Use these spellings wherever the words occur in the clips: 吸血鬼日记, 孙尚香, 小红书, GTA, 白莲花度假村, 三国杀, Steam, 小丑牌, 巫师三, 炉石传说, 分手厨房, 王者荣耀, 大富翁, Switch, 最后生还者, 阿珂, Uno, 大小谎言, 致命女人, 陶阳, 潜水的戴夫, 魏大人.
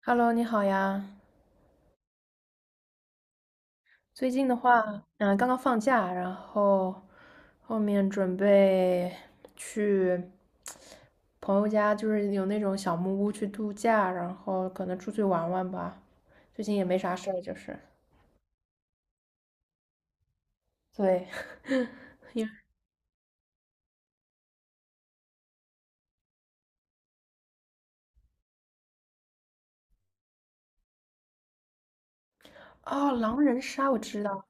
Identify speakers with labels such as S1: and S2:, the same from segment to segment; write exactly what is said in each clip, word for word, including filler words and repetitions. S1: Hello，你好呀。最近的话，嗯、刚刚放假，然后后面准备去朋友家，就是有那种小木屋去度假，然后可能出去玩玩吧。最近也没啥事儿，就是对。因为哦，狼人杀我知道，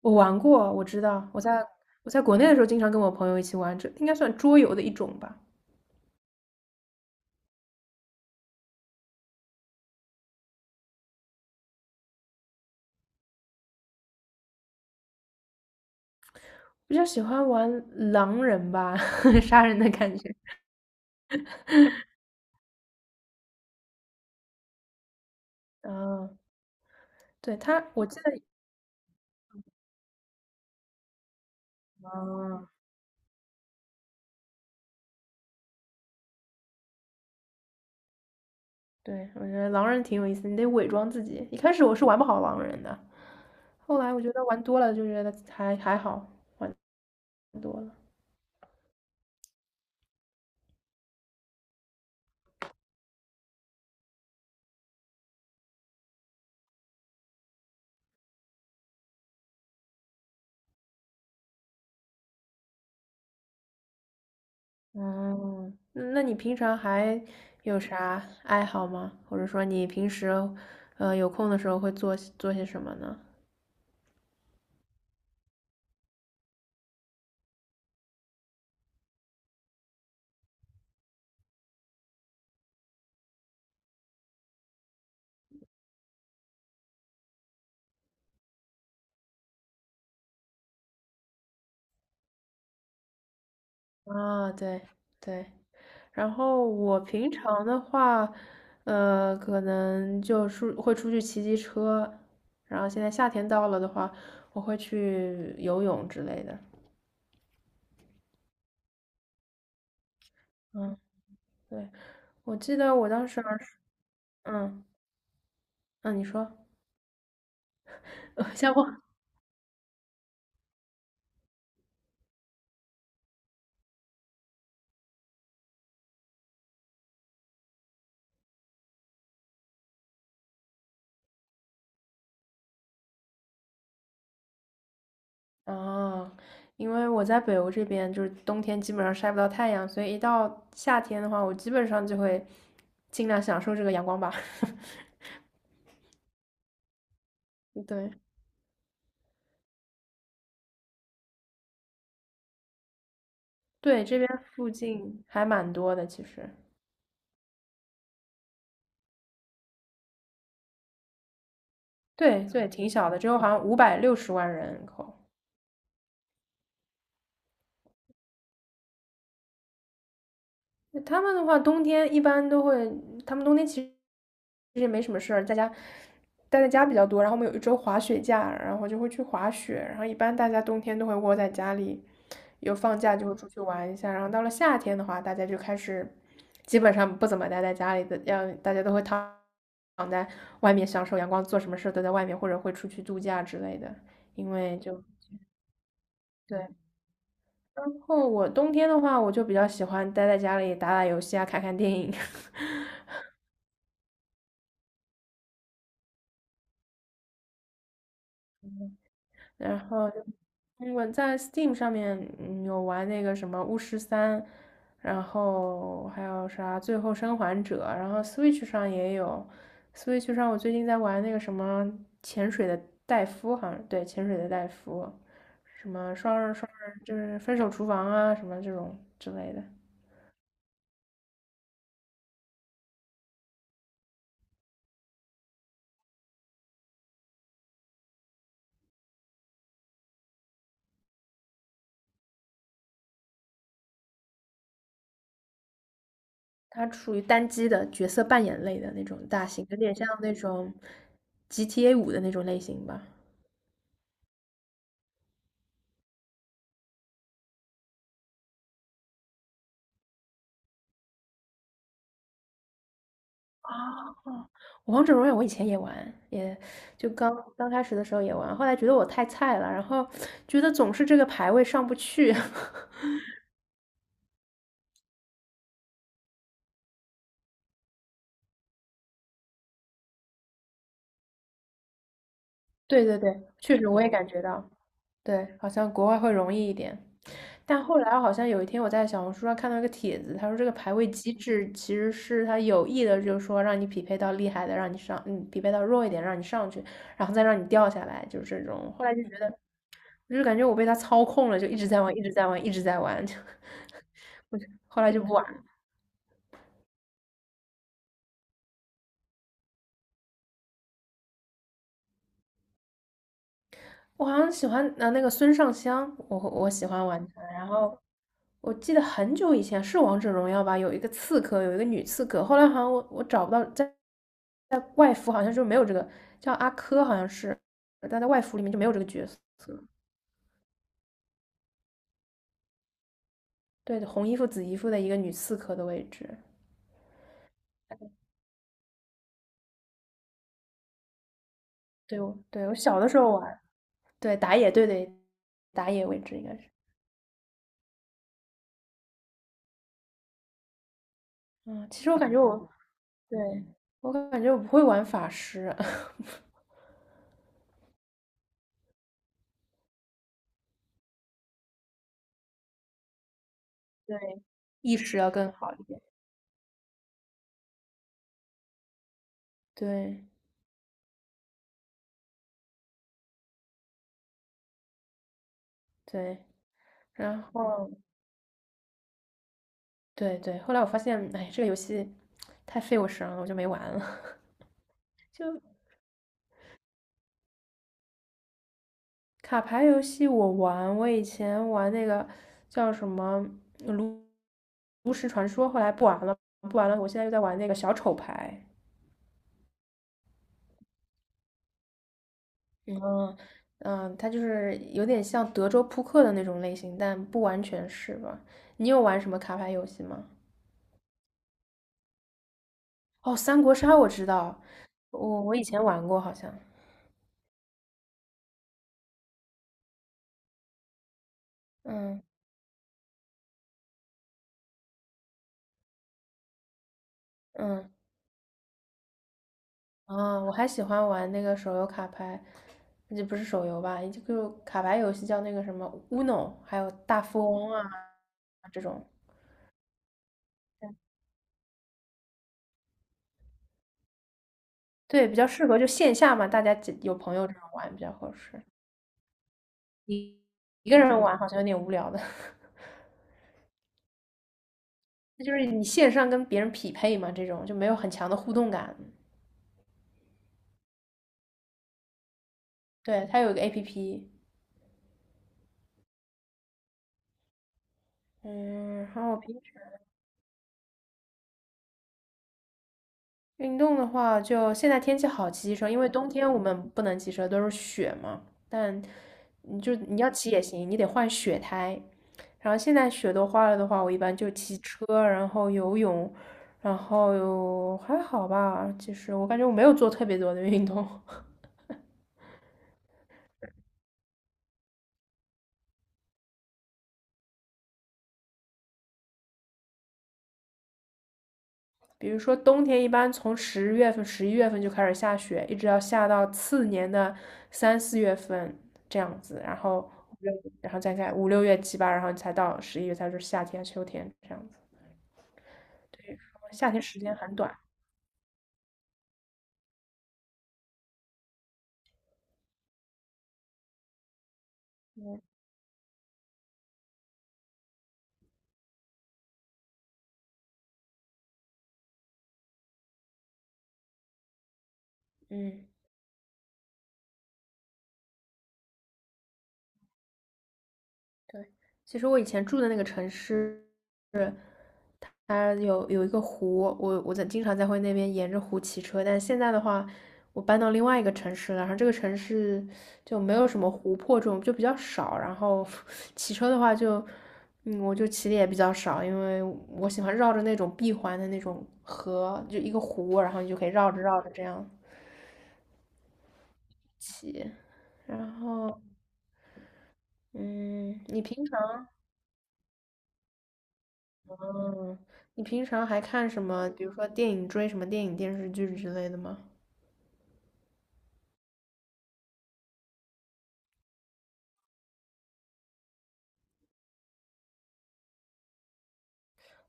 S1: 我玩过，我知道，我在我在国内的时候经常跟我朋友一起玩，这应该算桌游的一种吧。比较喜欢玩狼人吧，杀人的感觉。嗯，对，他，我记得。啊，对，我觉得狼人挺有意思的，你得伪装自己。一开始我是玩不好狼人的，后来我觉得玩多了就觉得还还好多了。嗯，那你平常还有啥爱好吗？或者说你平时，呃，有空的时候会做些做些什么呢？啊，对对。然后我平常的话，呃，可能就出会出去骑骑车，然后现在夏天到了的话，我会去游泳之类的。嗯。对，我记得我当时儿时。嗯嗯，你说。呃，像我，哦，因为我在北欧这边，就是冬天基本上晒不到太阳，所以一到夏天的话，我基本上就会尽量享受这个阳光吧。对对，这边附近还蛮多的，其实。对对，挺小的，只有好像五百六十万人口。他们的话，冬天一般都会，他们冬天其实其实也没什么事儿，在家待在家比较多。然后我们有一周滑雪假，然后就会去滑雪。然后一般大家冬天都会窝在家里，有放假就会出去玩一下。然后到了夏天的话，大家就开始基本上不怎么待在家里的，要大家都会躺躺在外面享受阳光，做什么事儿都在外面，或者会出去度假之类的。因为就对，然后我冬天的话，我就比较喜欢待在家里打打游戏啊，看看电影。然后就嗯我在 Steam 上面嗯有玩那个什么《巫师三》，然后还有啥《最后生还者》，然后 Switch 上也有，Switch 上我最近在玩那个什么潜水的戴夫，好像对潜水的戴夫，什么双人双人就是分手厨房啊什么这种之类的，它属于单机的角色扮演类的那种大型，有点像那种 G T A 五的那种类型吧。啊。王者荣耀我以前也玩，也就刚刚开始的时候也玩，后来觉得我太菜了，然后觉得总是这个排位上不去。对对对，确实我也感觉到，对，好像国外会容易一点。但后来好像有一天我在小红书上看到一个帖子，他说这个排位机制其实是他有意的，就是说让你匹配到厉害的，让你上，嗯，匹配到弱一点，让你上去，然后再让你掉下来，就是这种。后来就觉得，我就是感觉我被他操控了，就一直在玩，一直在玩，一直在玩，就。 后来就不玩。我好像喜欢呃那个孙尚香，我我喜欢玩他。然后我记得很久以前是王者荣耀吧，有一个刺客，有一个女刺客。后来好像我我找不到，在在外服好像就没有这个叫阿珂，好像是，但在外服里面就没有这个角色。对，红衣服紫衣服的一个女刺客的位置。对，我对我小的时候玩，对打野，对对打野位置应该是。嗯，其实我感觉我对，我感觉我不会玩法师。对，意识要更好一点。对，对，然后对对，后来我发现，哎，这个游戏太费我神了，我就没玩了。就卡牌游戏我玩，我以前玩那个叫什么呃炉炉石传说，后来不玩了，不玩了。我现在又在玩那个小丑牌。嗯嗯，它就是有点像德州扑克的那种类型，但不完全是吧？你有玩什么卡牌游戏吗？哦，三国杀我知道，我我以前玩过，好像。嗯嗯。啊，我还喜欢玩那个手游卡牌，这不是手游吧？也就卡牌游戏叫那个什么 Uno，还有大富翁啊这种。对，比较适合就线下嘛，大家几有朋友这种玩比较合适。一个人玩好像有点无聊的。那就是你线上跟别人匹配嘛，这种就没有很强的互动感。对，它有一个 A P P。嗯，然后我平时运动的话，就现在天气好，骑骑车，因为冬天我们不能骑车，都是雪嘛。但你就你要骑也行，你得换雪胎。然后现在雪都化了的话，我一般就骑车，然后游泳，然后还好吧。其实我感觉我没有做特别多的运动。比如说冬天一般从十月份、十一月份就开始下雪，一直要下到次年的三四月份这样子，然后五六然后再看五六月、七八，然后才到十一月才是夏天、秋天这样子。对，夏天时间很短。嗯。对，其实我以前住的那个城市，是它有有一个湖，我我在经常在会那边沿着湖骑车，但现在的话，我搬到另外一个城市了，然后这个城市就没有什么湖泊这种，就比较少，然后。 骑车的话就，嗯，我就骑的也比较少，因为我喜欢绕着那种闭环的那种河，就一个湖，然后你就可以绕着绕着这样，然后。嗯，你平常嗯，你平常还看什么？比如说电影，追什么电影、电视剧之类的吗？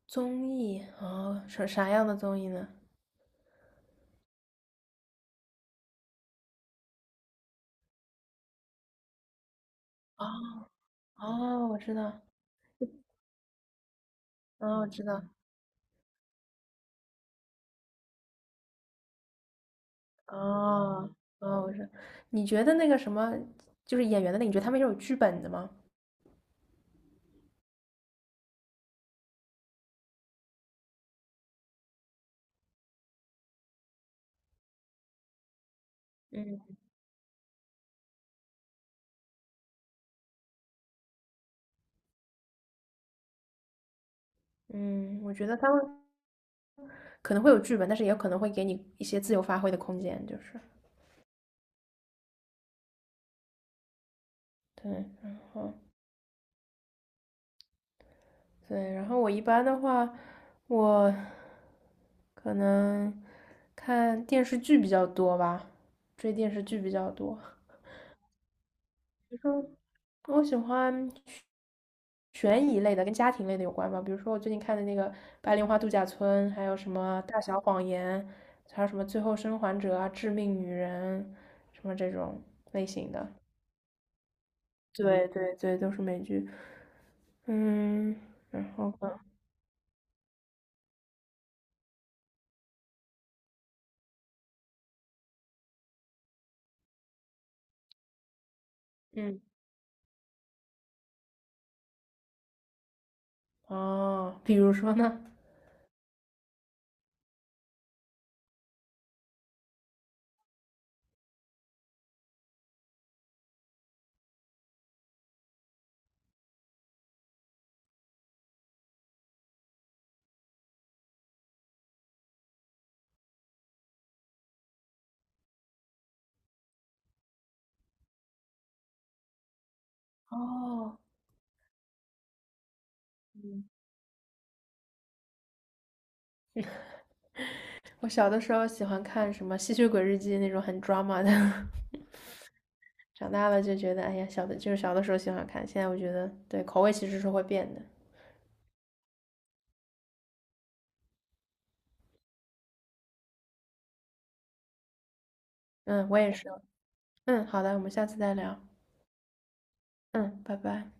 S1: 综艺哦，啥啥样的综艺呢？哦哦，我知道。哦，我知道。哦哦，我知道。你觉得那个什么，就是演员的那你觉得他们是有剧本的吗？嗯嗯，我觉得他们可能会有剧本，但是也有可能会给你一些自由发挥的空间，就是对。然后对，然后我一般的话，我。可能看电视剧比较多吧，追电视剧比较多。我喜欢悬疑类的，跟家庭类的有关吧，比如说我最近看的那个《白莲花度假村》，还有什么《大小谎言》，还有什么《最后生还者》啊，《致命女人》，什么这种类型的。对对对，都是美剧。嗯，然后呢？嗯，哦，比如说呢？哦，嗯。我小的时候喜欢看什么《吸血鬼日记》那种很 drama 的。长大了就觉得，哎呀，小的就是小的时候喜欢看，现在我觉得对口味其实是会变的。嗯，我也是。嗯，好的，我们下次再聊。嗯，拜拜。